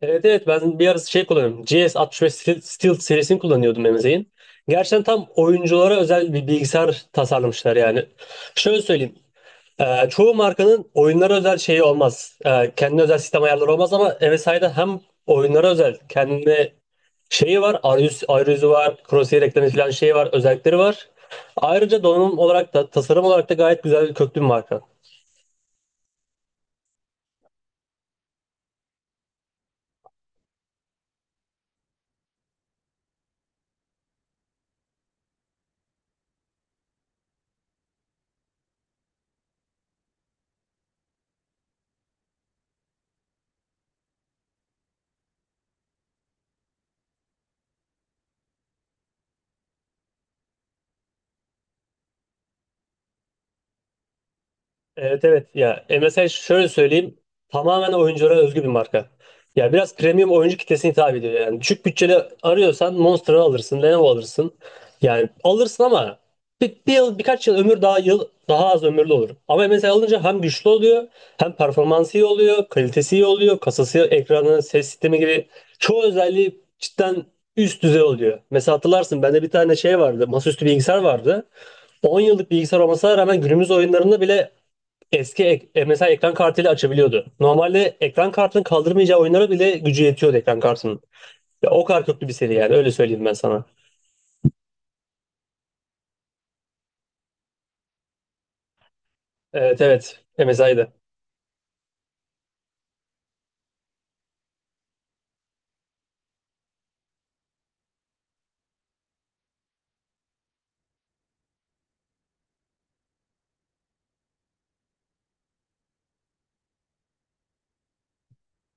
Evet evet ben bir ara şey kullanıyorum. GS65 Steel serisini kullanıyordum Emze'in. Gerçekten tam oyunculara özel bir bilgisayar tasarlamışlar yani. Şöyle söyleyeyim. Çoğu markanın oyunlara özel şeyi olmaz. Kendine özel sistem ayarları olmaz ama MSI'da hem oyunlara özel kendine şeyi var. Arayüzü var. Crosshair eklemesi falan şeyi var. Özellikleri var. Ayrıca donanım olarak da tasarım olarak da gayet güzel bir köklü bir marka. Evet evet ya mesela şöyle söyleyeyim, tamamen oyunculara özgü bir marka. Ya biraz premium oyuncu kitlesine hitap ediyor yani. Düşük bütçeli arıyorsan Monster'ı alırsın, Lenovo alırsın. Yani alırsın ama bir yıl, birkaç yıl ömür, daha yıl daha az ömürlü olur. Ama MSI alınca hem güçlü oluyor, hem performansı iyi oluyor, kalitesi iyi oluyor, kasası, ekranı, ses sistemi gibi çoğu özelliği cidden üst düzey oluyor. Mesela hatırlarsın bende bir tane şey vardı, masaüstü bilgisayar vardı. 10 yıllık bilgisayar olmasına rağmen günümüz oyunlarında bile mesela ekran kartıyla açabiliyordu. Normalde ekran kartının kaldırmayacağı oyunlara bile gücü yetiyordu ekran kartının. Ya o kadar köklü bir seri yani öyle söyleyeyim ben sana. Evet evet MSI'dı.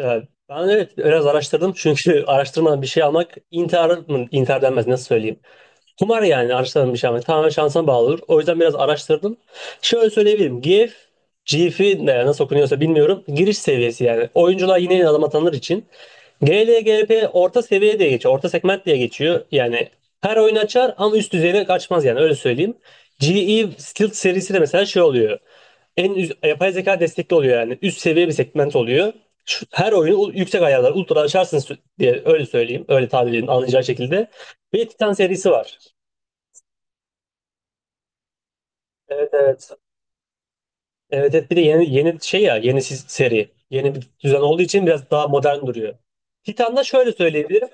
Ee, Ben evet biraz araştırdım çünkü araştırmadan bir şey almak intihar mı intihar denmez, nasıl söyleyeyim. Kumar yani, araştırmadan bir şey almak tamamen şansına bağlı olur. O yüzden biraz araştırdım. Şöyle söyleyebilirim. GIF'i nasıl okunuyorsa bilmiyorum. Giriş seviyesi yani. Oyuncular yine yeni adam atanlar için. GLGP orta seviye diye geçiyor. Orta segment diye geçiyor. Yani her oyun açar ama üst düzeyine kaçmaz yani öyle söyleyeyim. GE Skilled serisi de mesela şey oluyor. En üst, yapay zeka destekli oluyor yani. Üst seviye bir segment oluyor. Her oyunu yüksek ayarlar, ultra açarsınız diye, öyle söyleyeyim. Öyle tabir edin anlayacağı şekilde. Bir de Titan serisi var. Evet evet. Evet evet bir de yeni şey ya, yeni seri. Yeni bir düzen olduğu için biraz daha modern duruyor. Titan'da şöyle söyleyebilirim.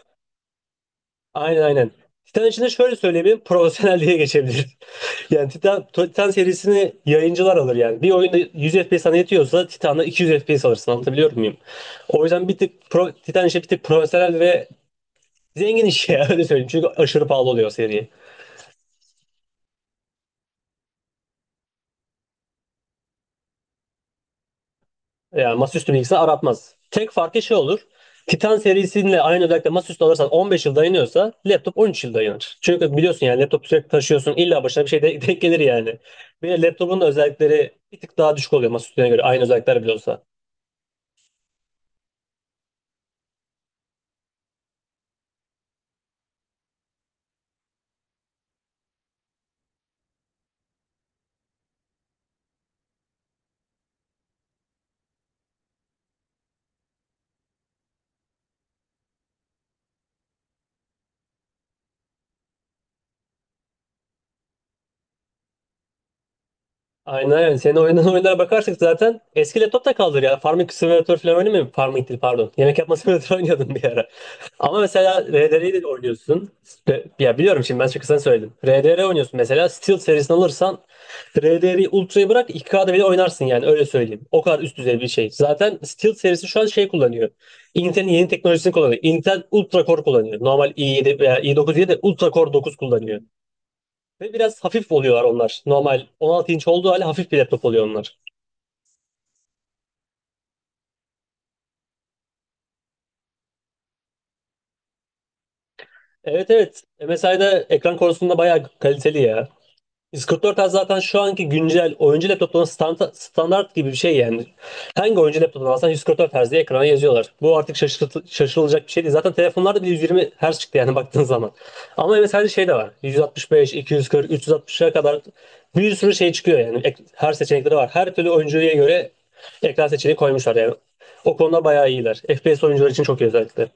Aynen aynen. Titan için de şöyle söyleyeyim, profesyonelliğe geçebilir. Yani Titan serisini yayıncılar alır yani. Bir oyunda 100 FPS sana yetiyorsa Titan'da 200 FPS alırsın. Anlatabiliyor muyum? O yüzden bir tık Titan işi bir tık profesyonel ve zengin iş ya, öyle söyleyeyim. Çünkü aşırı pahalı oluyor seri. Yani masaüstü bilgisayar aratmaz. Tek farkı şey olur. Titan serisiyle aynı özellikle masaüstü alırsan 15 yıl dayanıyorsa, laptop 13 yıl dayanır. Çünkü biliyorsun yani laptop sürekli taşıyorsun, İlla başına bir şey denk gelir yani. Bir de laptopun da özellikleri bir tık daha düşük oluyor masaüstüne göre, aynı özellikler bile olsa. Aynen aynen. Senin oynadığın oyunlara bakarsak zaten eski laptop da kaldır ya. Farming Simulator falan oynamıyor musun? Farming değil pardon. Yemek yapma simülatörü oynuyordum bir ara. Ama mesela RDR'yi de oynuyorsun. Ya biliyorum şimdi ben çok kısa söyledim. RDR oynuyorsun mesela. Steel serisini alırsan RDR'yi Ultra'yı bırak iki kda bile oynarsın yani öyle söyleyeyim. O kadar üst düzey bir şey. Zaten Steel serisi şu an şey kullanıyor. Intel'in yeni teknolojisini kullanıyor. Intel Ultra Core kullanıyor. Normal i7 veya i9 diye de Ultra Core 9 kullanıyor. Ve biraz hafif oluyorlar onlar. Normal 16 inç olduğu halde hafif bir laptop oluyor onlar. Evet evet. MSI'da ekran konusunda bayağı kaliteli ya. Discord zaten şu anki güncel oyuncu laptoplarının standart gibi bir şey yani. Hangi oyuncu laptopunu alsan 144 Hz diye ekrana yazıyorlar. Bu artık şaşırılacak bir şey değil. Zaten telefonlarda bile 120 Hz çıktı yani baktığın zaman. Ama evet her şey de var. Yüz altmış beş, 240, 360'a kadar bir sürü şey çıkıyor yani. Her seçenekleri var. Her türlü oyuncuya göre ekran seçeneği koymuşlar yani. O konuda bayağı iyiler. FPS oyuncular için çok iyi özellikle.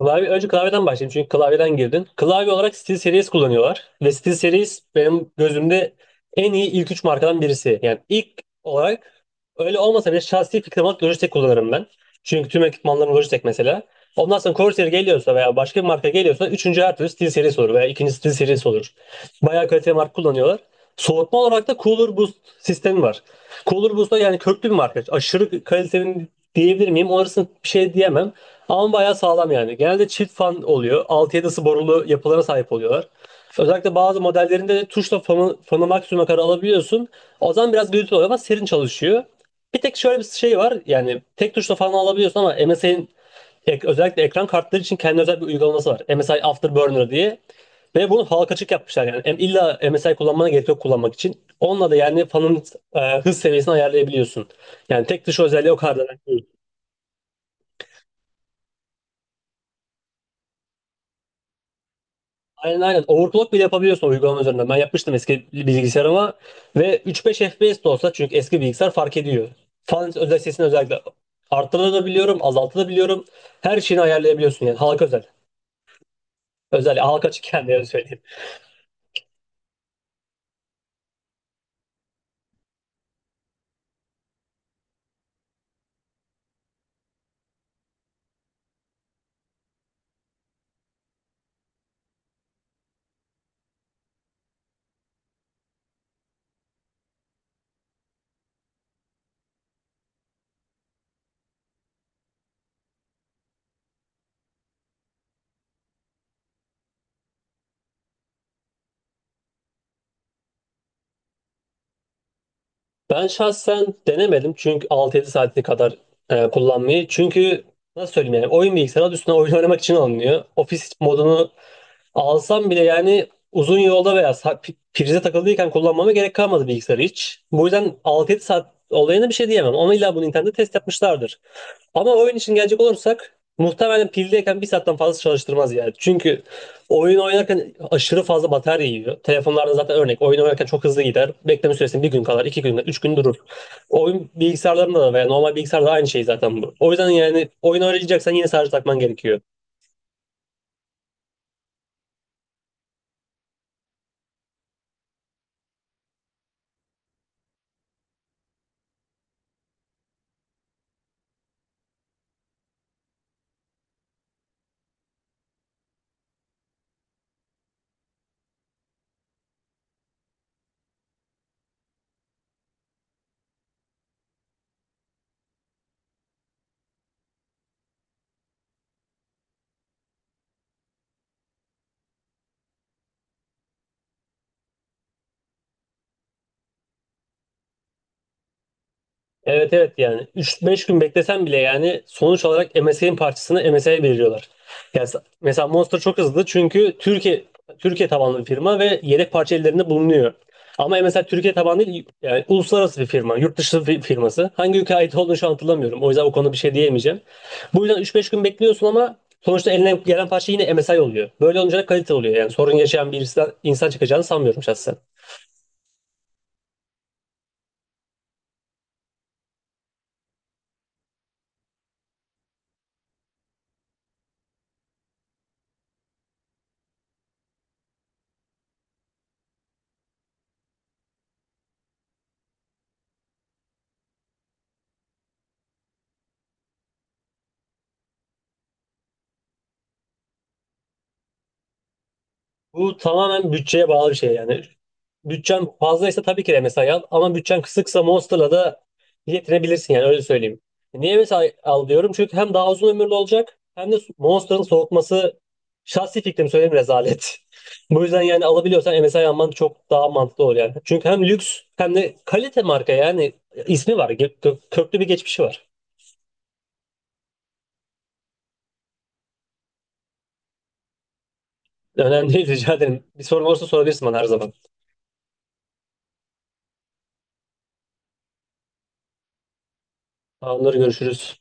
Klavye, önce klavyeden başlayayım çünkü klavyeden girdin. Klavye olarak SteelSeries kullanıyorlar. Ve SteelSeries benim gözümde en iyi ilk üç markadan birisi. Yani ilk olarak öyle olmasa bile şahsi fikrim olarak Logitech kullanırım ben. Çünkü tüm ekipmanlarım Logitech mesela. Ondan sonra Corsair geliyorsa veya başka bir marka geliyorsa üçüncü her türlü SteelSeries olur veya ikinci SteelSeries olur. Bayağı kaliteli marka kullanıyorlar. Soğutma olarak da Cooler Boost sistemi var. Cooler Boost da yani köklü bir marka. Aşırı kaliteli diyebilir miyim? Orasını bir şey diyemem. Ama bayağı sağlam yani. Genelde çift fan oluyor. Altı 7 borulu yapılara sahip oluyorlar. Özellikle bazı modellerinde tuşla fanı maksimuma kadar alabiliyorsun. O zaman biraz gürültülü oluyor ama serin çalışıyor. Bir tek şöyle bir şey var. Yani tek tuşla fanı alabiliyorsun ama MSI'nin özellikle ekran kartları için kendi özel bir uygulaması var. MSI Afterburner diye. Ve bunu halka açık yapmışlar yani. İlla MSI kullanmana gerek yok kullanmak için. Onunla da yani fanın hız seviyesini ayarlayabiliyorsun. Yani tek tuş özelliği o kadar. Aynen aynen. Overclock bile yapabiliyorsun uygulama üzerinden. Ben yapmıştım eski bilgisayarıma ve 3-5 FPS de olsa, çünkü eski bilgisayar fark ediyor. Fan özel sesini özellikle arttırabiliyorum, azaltabiliyorum. Her şeyini ayarlayabiliyorsun yani halka özel. Özel halka açık kendine, öyle söyleyeyim. Ben şahsen denemedim çünkü 6-7 saati kadar kullanmayı. Çünkü nasıl söyleyeyim yani, oyun bilgisayarı adı üstüne oyun oynamak için alınıyor. Ofis modunu alsam bile yani uzun yolda veya prize takıldıyken kullanmama gerek kalmadı bilgisayarı hiç. Bu yüzden 6-7 saat olayına bir şey diyemem. Onu illa bu Nintendo test yapmışlardır. Ama oyun için gelecek olursak muhtemelen pildeyken bir saatten fazla çalıştırmaz yani. Çünkü oyun oynarken aşırı fazla batarya yiyor. Telefonlarda zaten örnek oyun oynarken çok hızlı gider. Bekleme süresi bir gün kadar, 2 gün, 3 gün durur. Oyun bilgisayarlarında da veya normal bilgisayarda da aynı şey zaten bu. O yüzden yani oyun oynayacaksan yine sadece takman gerekiyor. Evet evet yani 3-5 gün beklesen bile yani sonuç olarak M S MSI'nin parçasını MSI'ye veriyorlar. Yani mesela Monster çok hızlı çünkü Türkiye tabanlı bir firma ve yedek parça ellerinde bulunuyor. Ama mesela Türkiye tabanlı değil yani uluslararası bir firma, yurt dışı bir firması. Hangi ülkeye ait olduğunu şu an hatırlamıyorum. O yüzden o konuda bir şey diyemeyeceğim. Bu yüzden 3-5 gün bekliyorsun ama sonuçta eline gelen parça yine M S MSI oluyor. Böyle olunca da kalite oluyor. Yani sorun yaşayan bir insan çıkacağını sanmıyorum şahsen. Bu tamamen bütçeye bağlı bir şey yani. Bütçen fazlaysa tabii ki de MSI al ama bütçen kısıksa Monster'la da yetinebilirsin yani öyle söyleyeyim. Niye MSI al diyorum? Çünkü hem daha uzun ömürlü olacak hem de Monster'ın soğutması, şahsi fikrim söyleyeyim, rezalet. Bu yüzden yani alabiliyorsan MSI alman çok daha mantıklı olur yani. Çünkü hem lüks hem de kalite marka yani ismi var. Köklü bir geçmişi var. Önemli değil rica ederim. Bir sorun olursa sorabilirsin bana her zaman. Onları görüşürüz.